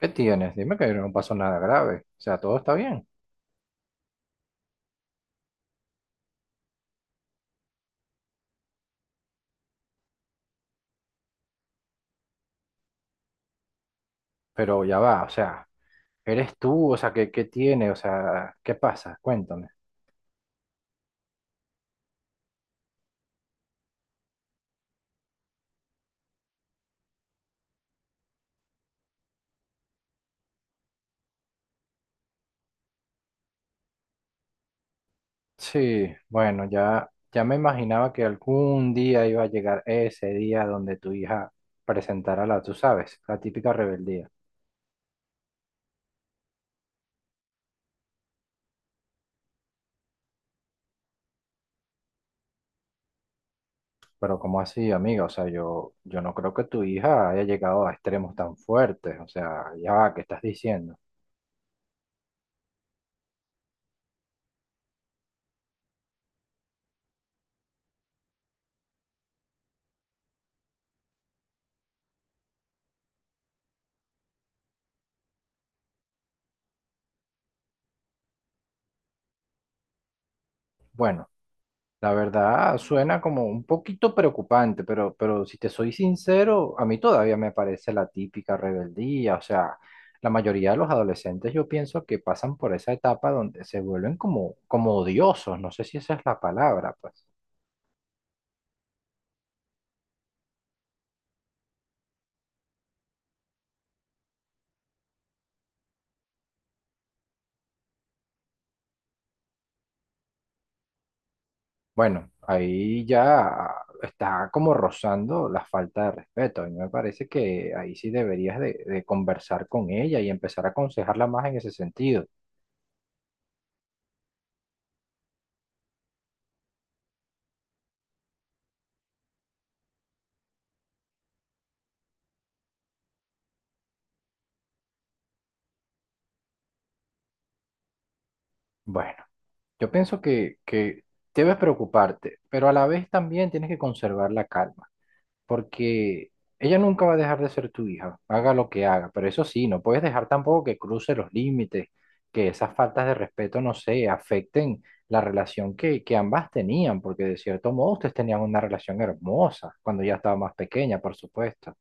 ¿Qué tienes? Dime que no pasó nada grave. O sea, todo está bien. Pero ya va, o sea, eres tú, o sea, ¿qué tiene? O sea, ¿qué pasa? Cuéntame. Sí, bueno, ya me imaginaba que algún día iba a llegar ese día donde tu hija presentara la, tú sabes, la típica rebeldía. Pero ¿cómo así, amiga? O sea, yo no creo que tu hija haya llegado a extremos tan fuertes. O sea, ya va, ¿qué estás diciendo? Bueno. La verdad suena como un poquito preocupante, pero si te soy sincero, a mí todavía me parece la típica rebeldía. O sea, la mayoría de los adolescentes yo pienso que pasan por esa etapa donde se vuelven como odiosos. No sé si esa es la palabra, pues. Bueno, ahí ya está como rozando la falta de respeto. A mí me parece que ahí sí deberías de conversar con ella y empezar a aconsejarla más en ese sentido. Bueno. Yo pienso que debes preocuparte, pero a la vez también tienes que conservar la calma, porque ella nunca va a dejar de ser tu hija, haga lo que haga, pero eso sí, no puedes dejar tampoco que cruce los límites, que esas faltas de respeto, no sé, afecten la relación que ambas tenían, porque de cierto modo ustedes tenían una relación hermosa cuando ya estaba más pequeña, por supuesto.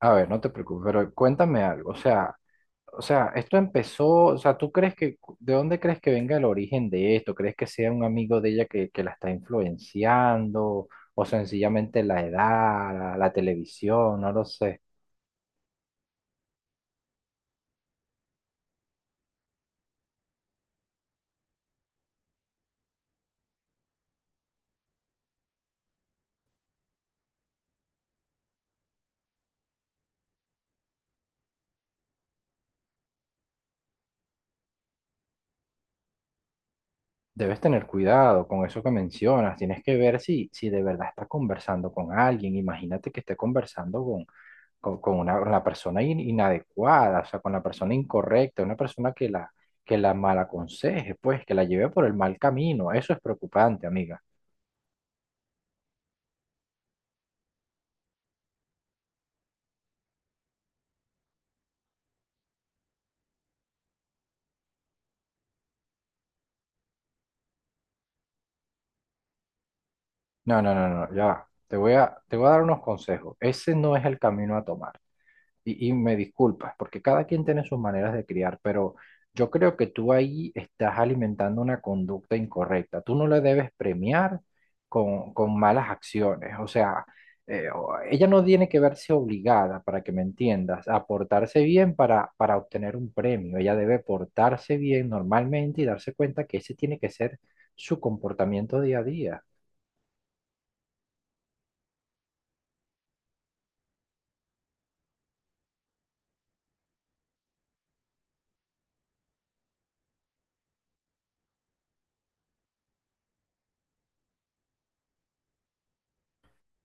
A ver, no te preocupes, pero cuéntame algo, o sea... O sea, esto empezó, o sea, ¿de dónde crees que venga el origen de esto? ¿Crees que sea un amigo de ella que la está influenciando? ¿O sencillamente la edad, la televisión? No lo sé. Debes tener cuidado con eso que mencionas. Tienes que ver si de verdad está conversando con alguien. Imagínate que esté conversando con la persona inadecuada, o sea, con la persona incorrecta, una persona que la mal aconseje, pues, que la lleve por el mal camino. Eso es preocupante, amiga. No, no, no, no, ya va. Te voy a dar unos consejos. Ese no es el camino a tomar. Y me disculpas, porque cada quien tiene sus maneras de criar, pero yo creo que tú ahí estás alimentando una conducta incorrecta. Tú no le debes premiar con malas acciones. O sea, ella no tiene que verse obligada, para que me entiendas, a portarse bien para obtener un premio. Ella debe portarse bien normalmente y darse cuenta que ese tiene que ser su comportamiento día a día.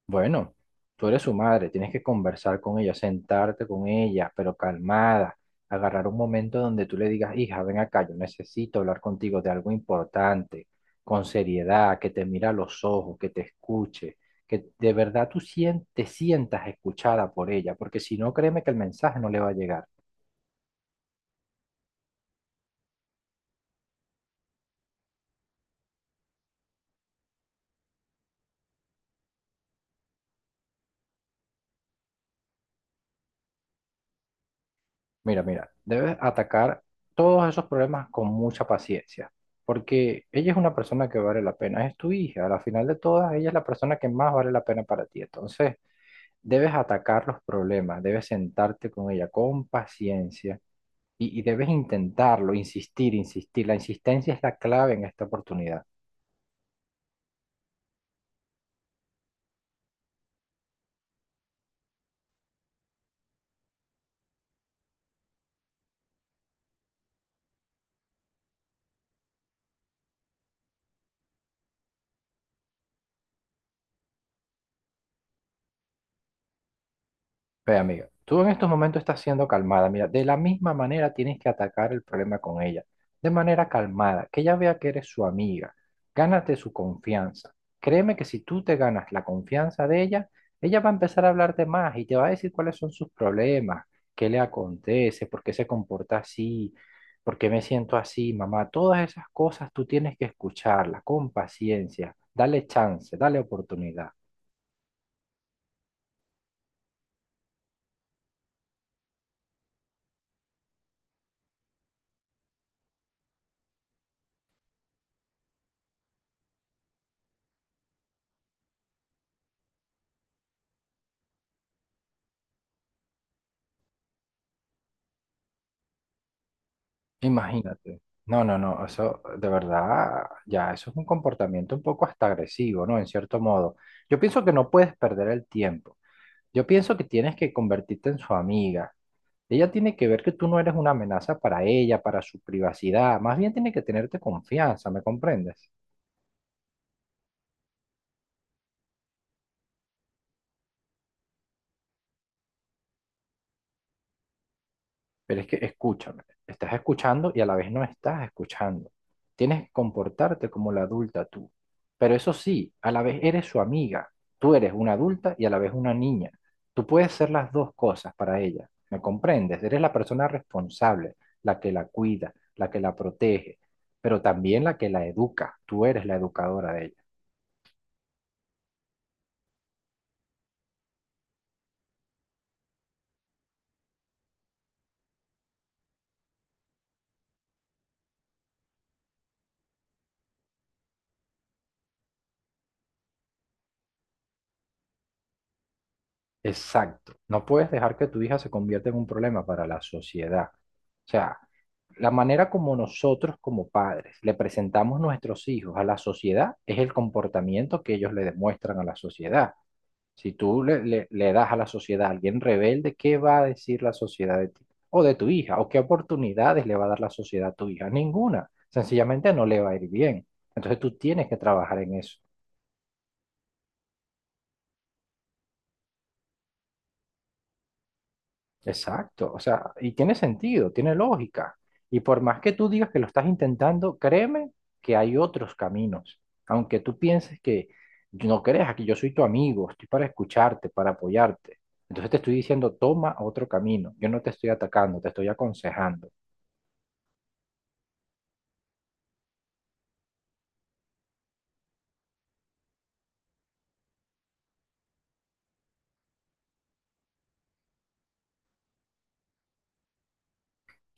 Bueno, tú eres su madre, tienes que conversar con ella, sentarte con ella, pero calmada, agarrar un momento donde tú le digas, hija, ven acá, yo necesito hablar contigo de algo importante, con seriedad, que te mira a los ojos, que te escuche, que de verdad te sientas escuchada por ella, porque si no, créeme que el mensaje no le va a llegar. Mira, mira, debes atacar todos esos problemas con mucha paciencia, porque ella es una persona que vale la pena, es tu hija, al final de todas, ella es la persona que más vale la pena para ti. Entonces, debes atacar los problemas, debes sentarte con ella con paciencia y debes intentarlo, insistir, insistir. La insistencia es la clave en esta oportunidad. Ve, amiga, tú en estos momentos estás siendo calmada. Mira, de la misma manera tienes que atacar el problema con ella, de manera calmada, que ella vea que eres su amiga. Gánate su confianza. Créeme que si tú te ganas la confianza de ella, ella va a empezar a hablarte más y te va a decir cuáles son sus problemas, qué le acontece, por qué se comporta así, por qué me siento así, mamá. Todas esas cosas tú tienes que escucharlas con paciencia. Dale chance, dale oportunidad. Imagínate. No, no, no, eso de verdad, ya, eso es un comportamiento un poco hasta agresivo, ¿no? En cierto modo. Yo pienso que no puedes perder el tiempo. Yo pienso que tienes que convertirte en su amiga. Ella tiene que ver que tú no eres una amenaza para ella, para su privacidad. Más bien tiene que tenerte confianza, ¿me comprendes? Pero es que escúchame, estás escuchando y a la vez no estás escuchando. Tienes que comportarte como la adulta tú. Pero eso sí, a la vez eres su amiga. Tú eres una adulta y a la vez una niña. Tú puedes ser las dos cosas para ella. ¿Me comprendes? Eres la persona responsable, la que la cuida, la que la protege, pero también la que la educa. Tú eres la educadora de ella. Exacto. No puedes dejar que tu hija se convierta en un problema para la sociedad. O sea, la manera como nosotros como padres le presentamos nuestros hijos a la sociedad es el comportamiento que ellos le demuestran a la sociedad. Si tú le das a la sociedad a alguien rebelde, ¿qué va a decir la sociedad de ti? O de tu hija, o qué oportunidades le va a dar la sociedad a tu hija. Ninguna. Sencillamente no le va a ir bien. Entonces tú tienes que trabajar en eso. Exacto, o sea, y tiene sentido, tiene lógica. Y por más que tú digas que lo estás intentando, créeme que hay otros caminos. Aunque tú pienses que no creas que yo soy tu amigo, estoy para escucharte, para apoyarte. Entonces te estoy diciendo, toma otro camino. Yo no te estoy atacando, te estoy aconsejando.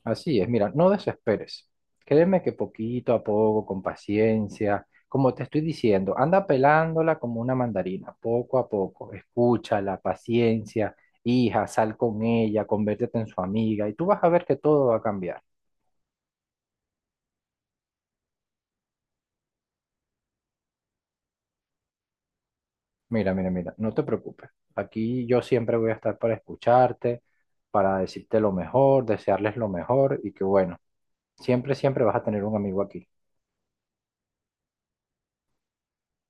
Así es, mira, no desesperes. Créeme que poquito a poco, con paciencia, como te estoy diciendo, anda pelándola como una mandarina, poco a poco. Escúchala, paciencia, hija, sal con ella, conviértete en su amiga y tú vas a ver que todo va a cambiar. Mira, mira, mira, no te preocupes. Aquí yo siempre voy a estar para escucharte, para decirte lo mejor, desearles lo mejor y que bueno, siempre, siempre vas a tener un amigo aquí.